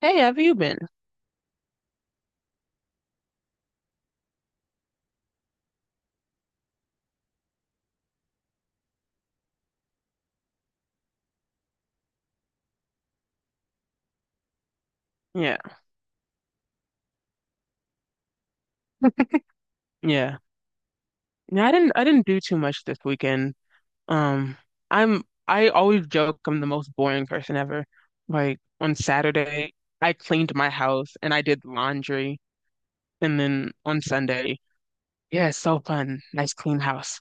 Hey, have you been? Yeah, yeah. Yeah, I didn't do too much this weekend. Um, I'm I always joke I'm the most boring person ever. Like on Saturday, I cleaned my house and I did laundry, and then on Sunday, yeah, it's so fun. Nice clean house.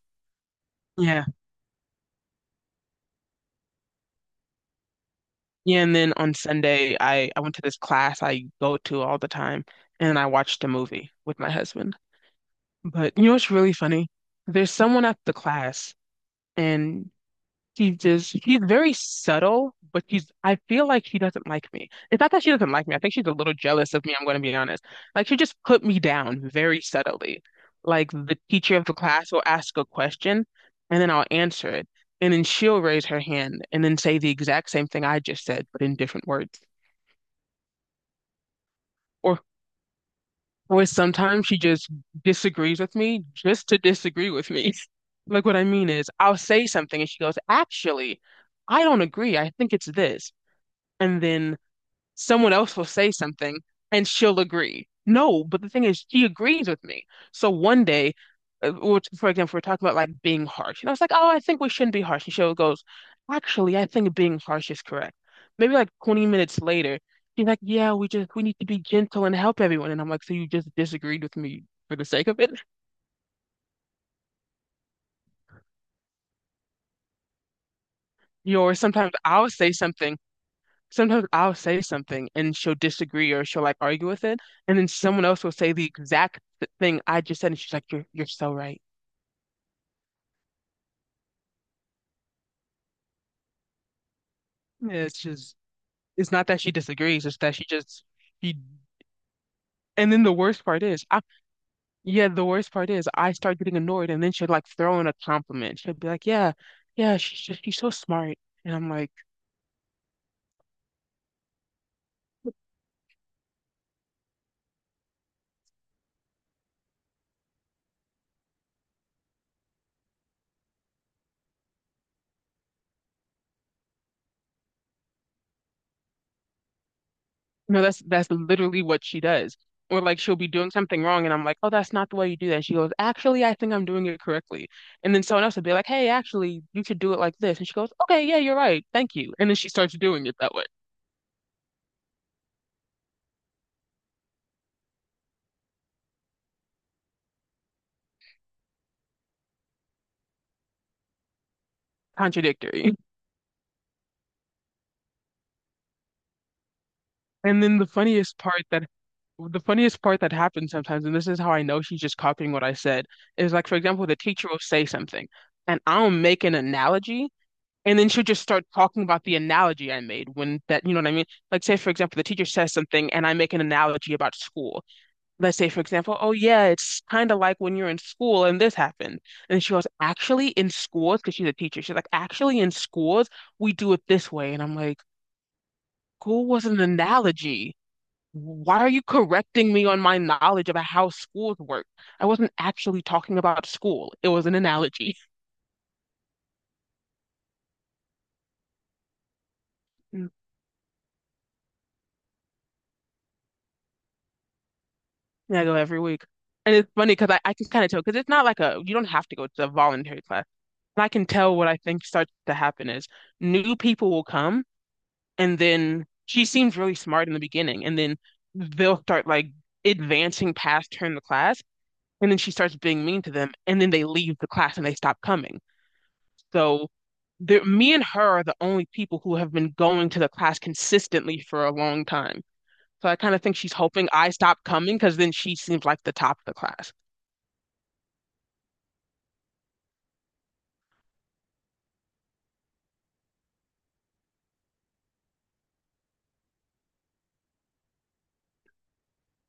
Yeah. Yeah, and then on Sunday, I went to this class I go to all the time, and I watched a movie with my husband. But you know what's really funny? There's someone at the class, and she's very subtle, but I feel like she doesn't like me. It's not that she doesn't like me. I think she's a little jealous of me, I'm going to be honest. Like, she just put me down very subtly. Like, the teacher of the class will ask a question, and then I'll answer it. And then she'll raise her hand and then say the exact same thing I just said, but in different words. Or, or sometimes she just disagrees with me just to disagree with me. Like, what I mean is, I'll say something and she goes, actually, I don't agree. I think it's this. And then someone else will say something and she'll agree. No, but the thing is, she agrees with me. So one day, which, for example, we're talking about like being harsh, and I was like, "Oh, I think we shouldn't be harsh." And she goes, "Actually, I think being harsh is correct." Maybe like 20 minutes later, she's like, "Yeah, we need to be gentle and help everyone." And I'm like, "So you just disagreed with me for the sake of it?" You know, or sometimes I'll say something and she'll disagree or she'll like argue with it, and then someone else will say the exact thing I just said, and she's like, "You're so right." Yeah, it's not that she disagrees, it's that she just she. And then the worst part is, I yeah, the worst part is I start getting annoyed, and then she'll like throw in a compliment. She'll be like, "Yeah, yeah, she's so smart," and I'm like. No, that's literally what she does. Or like she'll be doing something wrong and I'm like, "Oh, that's not the way you do that." And she goes, "Actually, I think I'm doing it correctly." And then someone else will be like, "Hey, actually, you should do it like this." And she goes, "Okay, yeah, you're right. Thank you." And then she starts doing it that way. Contradictory. And then the funniest part that happens sometimes, and this is how I know she's just copying what I said, is like for example, the teacher will say something and I'll make an analogy. And then she'll just start talking about the analogy I made when that, you know what I mean? Like, say, for example, the teacher says something and I make an analogy about school. Let's say, for example, oh, yeah, it's kind of like when you're in school and this happened. And she goes, actually, in schools, because she's a teacher, she's like, actually, in schools, we do it this way. And I'm like, school was an analogy. Why are you correcting me on my knowledge about how schools work? I wasn't actually talking about school, it was an analogy. Yeah, I go every week. And it's funny because I can kind of tell because it's not like a you don't have to go to a voluntary class. But I can tell what I think starts to happen is new people will come and then she seems really smart in the beginning and then they'll start like advancing past her in the class and then she starts being mean to them and then they leave the class and they stop coming. So there, me and her are the only people who have been going to the class consistently for a long time. So I kind of think she's hoping I stop coming because then she seems like the top of the class.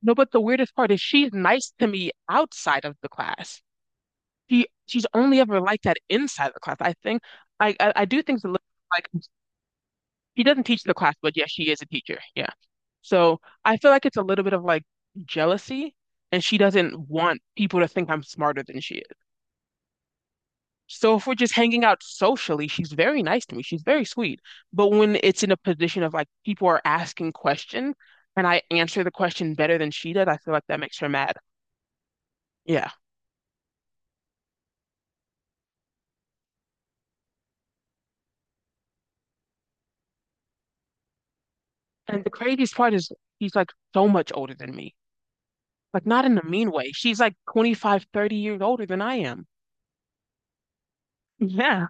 No, but the weirdest part is she's nice to me outside of the class. She's only ever like that inside the class. I think I do think it's a little like she doesn't teach the class, but yeah, she is a teacher. Yeah. So I feel like it's a little bit of like jealousy and she doesn't want people to think I'm smarter than she is. So if we're just hanging out socially, she's very nice to me. She's very sweet. But when it's in a position of like people are asking questions and I answer the question better than she does, I feel like that makes her mad. Yeah. And the craziest part is she's like so much older than me. Like not in a mean way. She's like 25, 30 years older than I am. Yeah.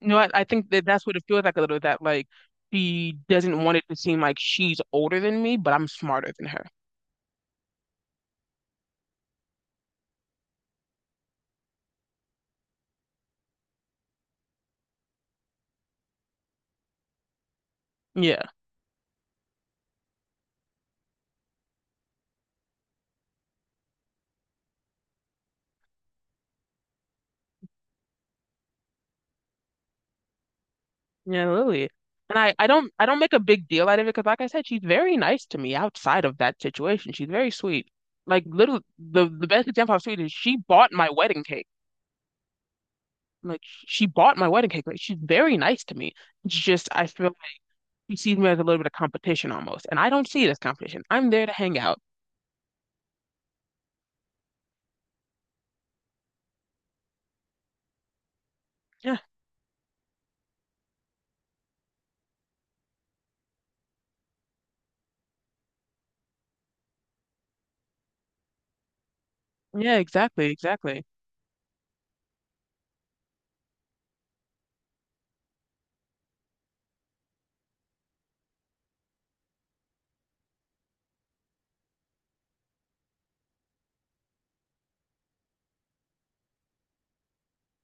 You know, I think that that's what it feels like a little that like she doesn't want it to seem like she's older than me, but I'm smarter than her. Yeah. Yeah, Lily. And I don't make a big deal out of it because like I said, she's very nice to me outside of that situation. She's very sweet. Like little the best example of sweet is she bought my wedding cake. Like she bought my wedding cake. Like she's very nice to me. It's just I feel he sees me as a little bit of competition almost. And I don't see it as competition. I'm there to hang out. Yeah. Yeah, exactly, exactly.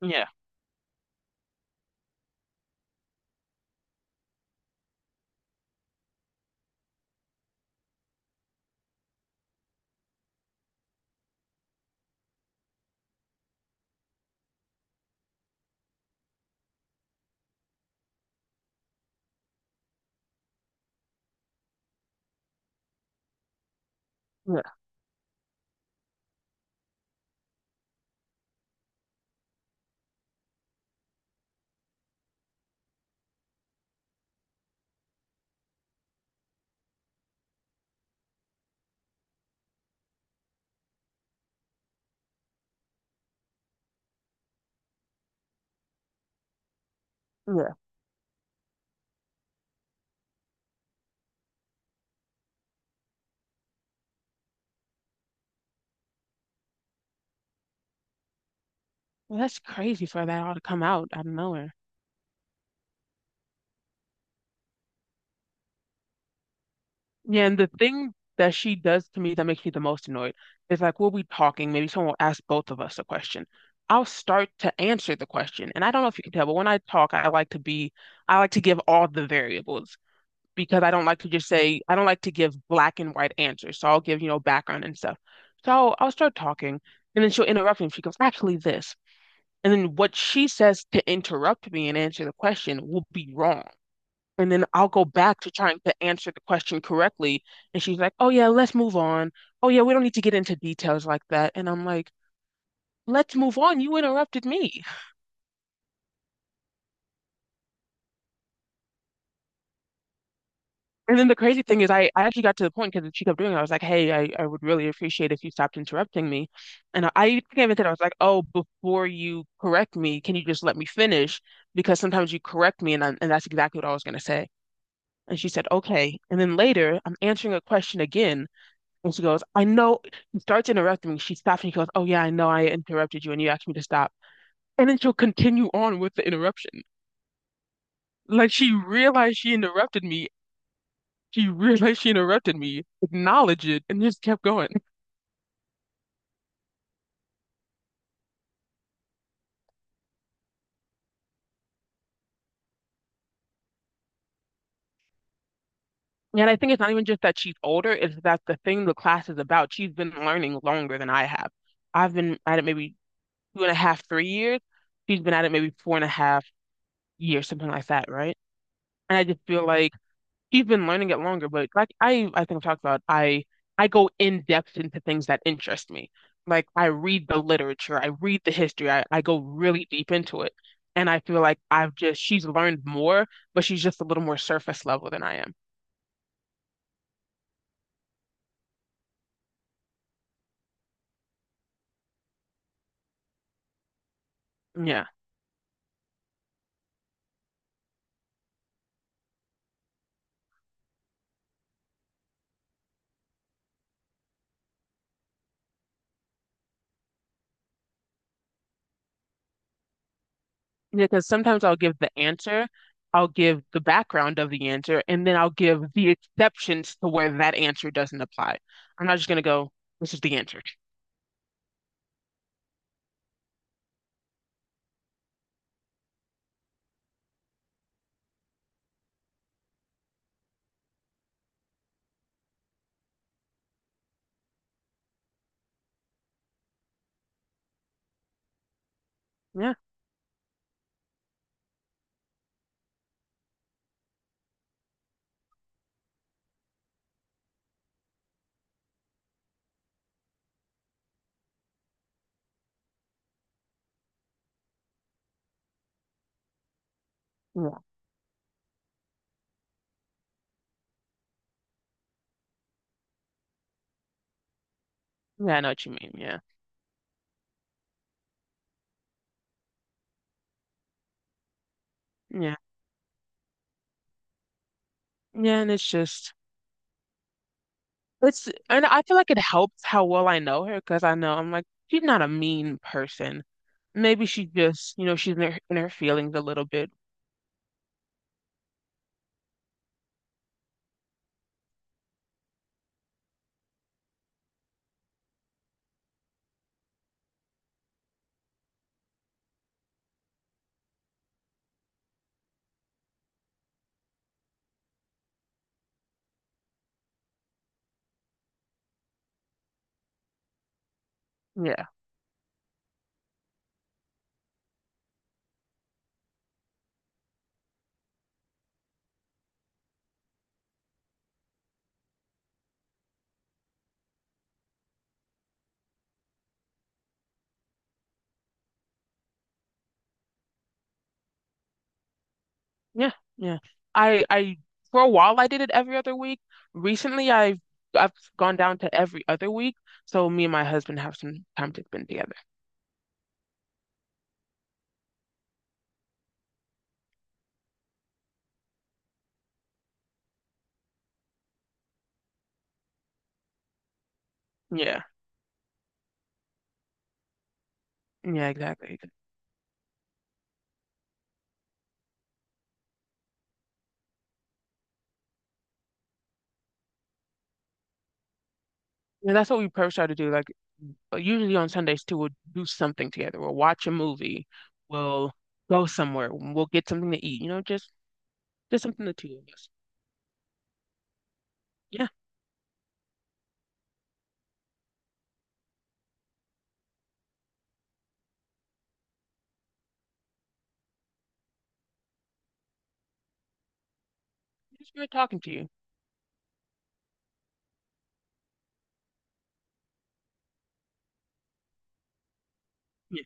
Yeah. Yeah. Yeah. Well, that's crazy for that all to come out of nowhere. Yeah, and the thing that she does to me that makes me the most annoyed is like we'll be talking, maybe someone will ask both of us a question. I'll start to answer the question. And I don't know if you can tell, but when I talk, I like to give all the variables. Because I don't like to just say, I don't like to give black and white answers. So I'll give, background and stuff. So I'll start talking and then she'll interrupt me. She goes, actually, this. And then what she says to interrupt me and answer the question will be wrong. And then I'll go back to trying to answer the question correctly. And she's like, oh, yeah, let's move on. Oh, yeah, we don't need to get into details like that. And I'm like, let's move on. You interrupted me. And then the crazy thing is, I actually got to the point because she kept doing it. I was like, hey, I would really appreciate if you stopped interrupting me. And I think I even said, I was like, oh, before you correct me, can you just let me finish? Because sometimes you correct me, and that's exactly what I was going to say. And she said, okay. And then later, I'm answering a question again. And she goes, I know. She starts interrupting me. She stops and she goes, oh, yeah, I know I interrupted you and you asked me to stop. And then she'll continue on with the interruption. Like she realized she interrupted me She realized she interrupted me, acknowledged it, and just kept going. And I think it's not even just that she's older, it's that the thing the class is about. She's been learning longer than I have. I've been at it maybe 2.5, 3 years. She's been at it maybe 4.5 years, something like that, right? And I just feel like she's been learning it longer, but like I think I've talked about, I go in depth into things that interest me. Like I read the literature, I read the history, I go really deep into it, and I feel like I've just she's learned more, but she's just a little more surface level than I am. Yeah, yeah, because sometimes I'll give the answer, I'll give the background of the answer, and then I'll give the exceptions to where that answer doesn't apply. I'm not just gonna go, this is the answer. Yeah, yeah, yeah. I know what you mean. Yeah, yeah, yeah. And it's just. It's and I feel like it helps how well I know her because I know I'm like she's not a mean person. Maybe she just, she's in her feelings a little bit. Yeah, yeah, yeah. I for a while I did it every other week. Recently I've gone down to every other week, so me and my husband have some time to spend together. Yeah, yeah, exactly. Yeah, that's what we first try to do. Like usually on Sundays too, we'll do something together. We'll watch a movie. We'll go somewhere. We'll get something to eat. You know, just something the two of us. Yeah. It's good talking to you. Yeah.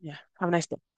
Yeah. Have a nice day.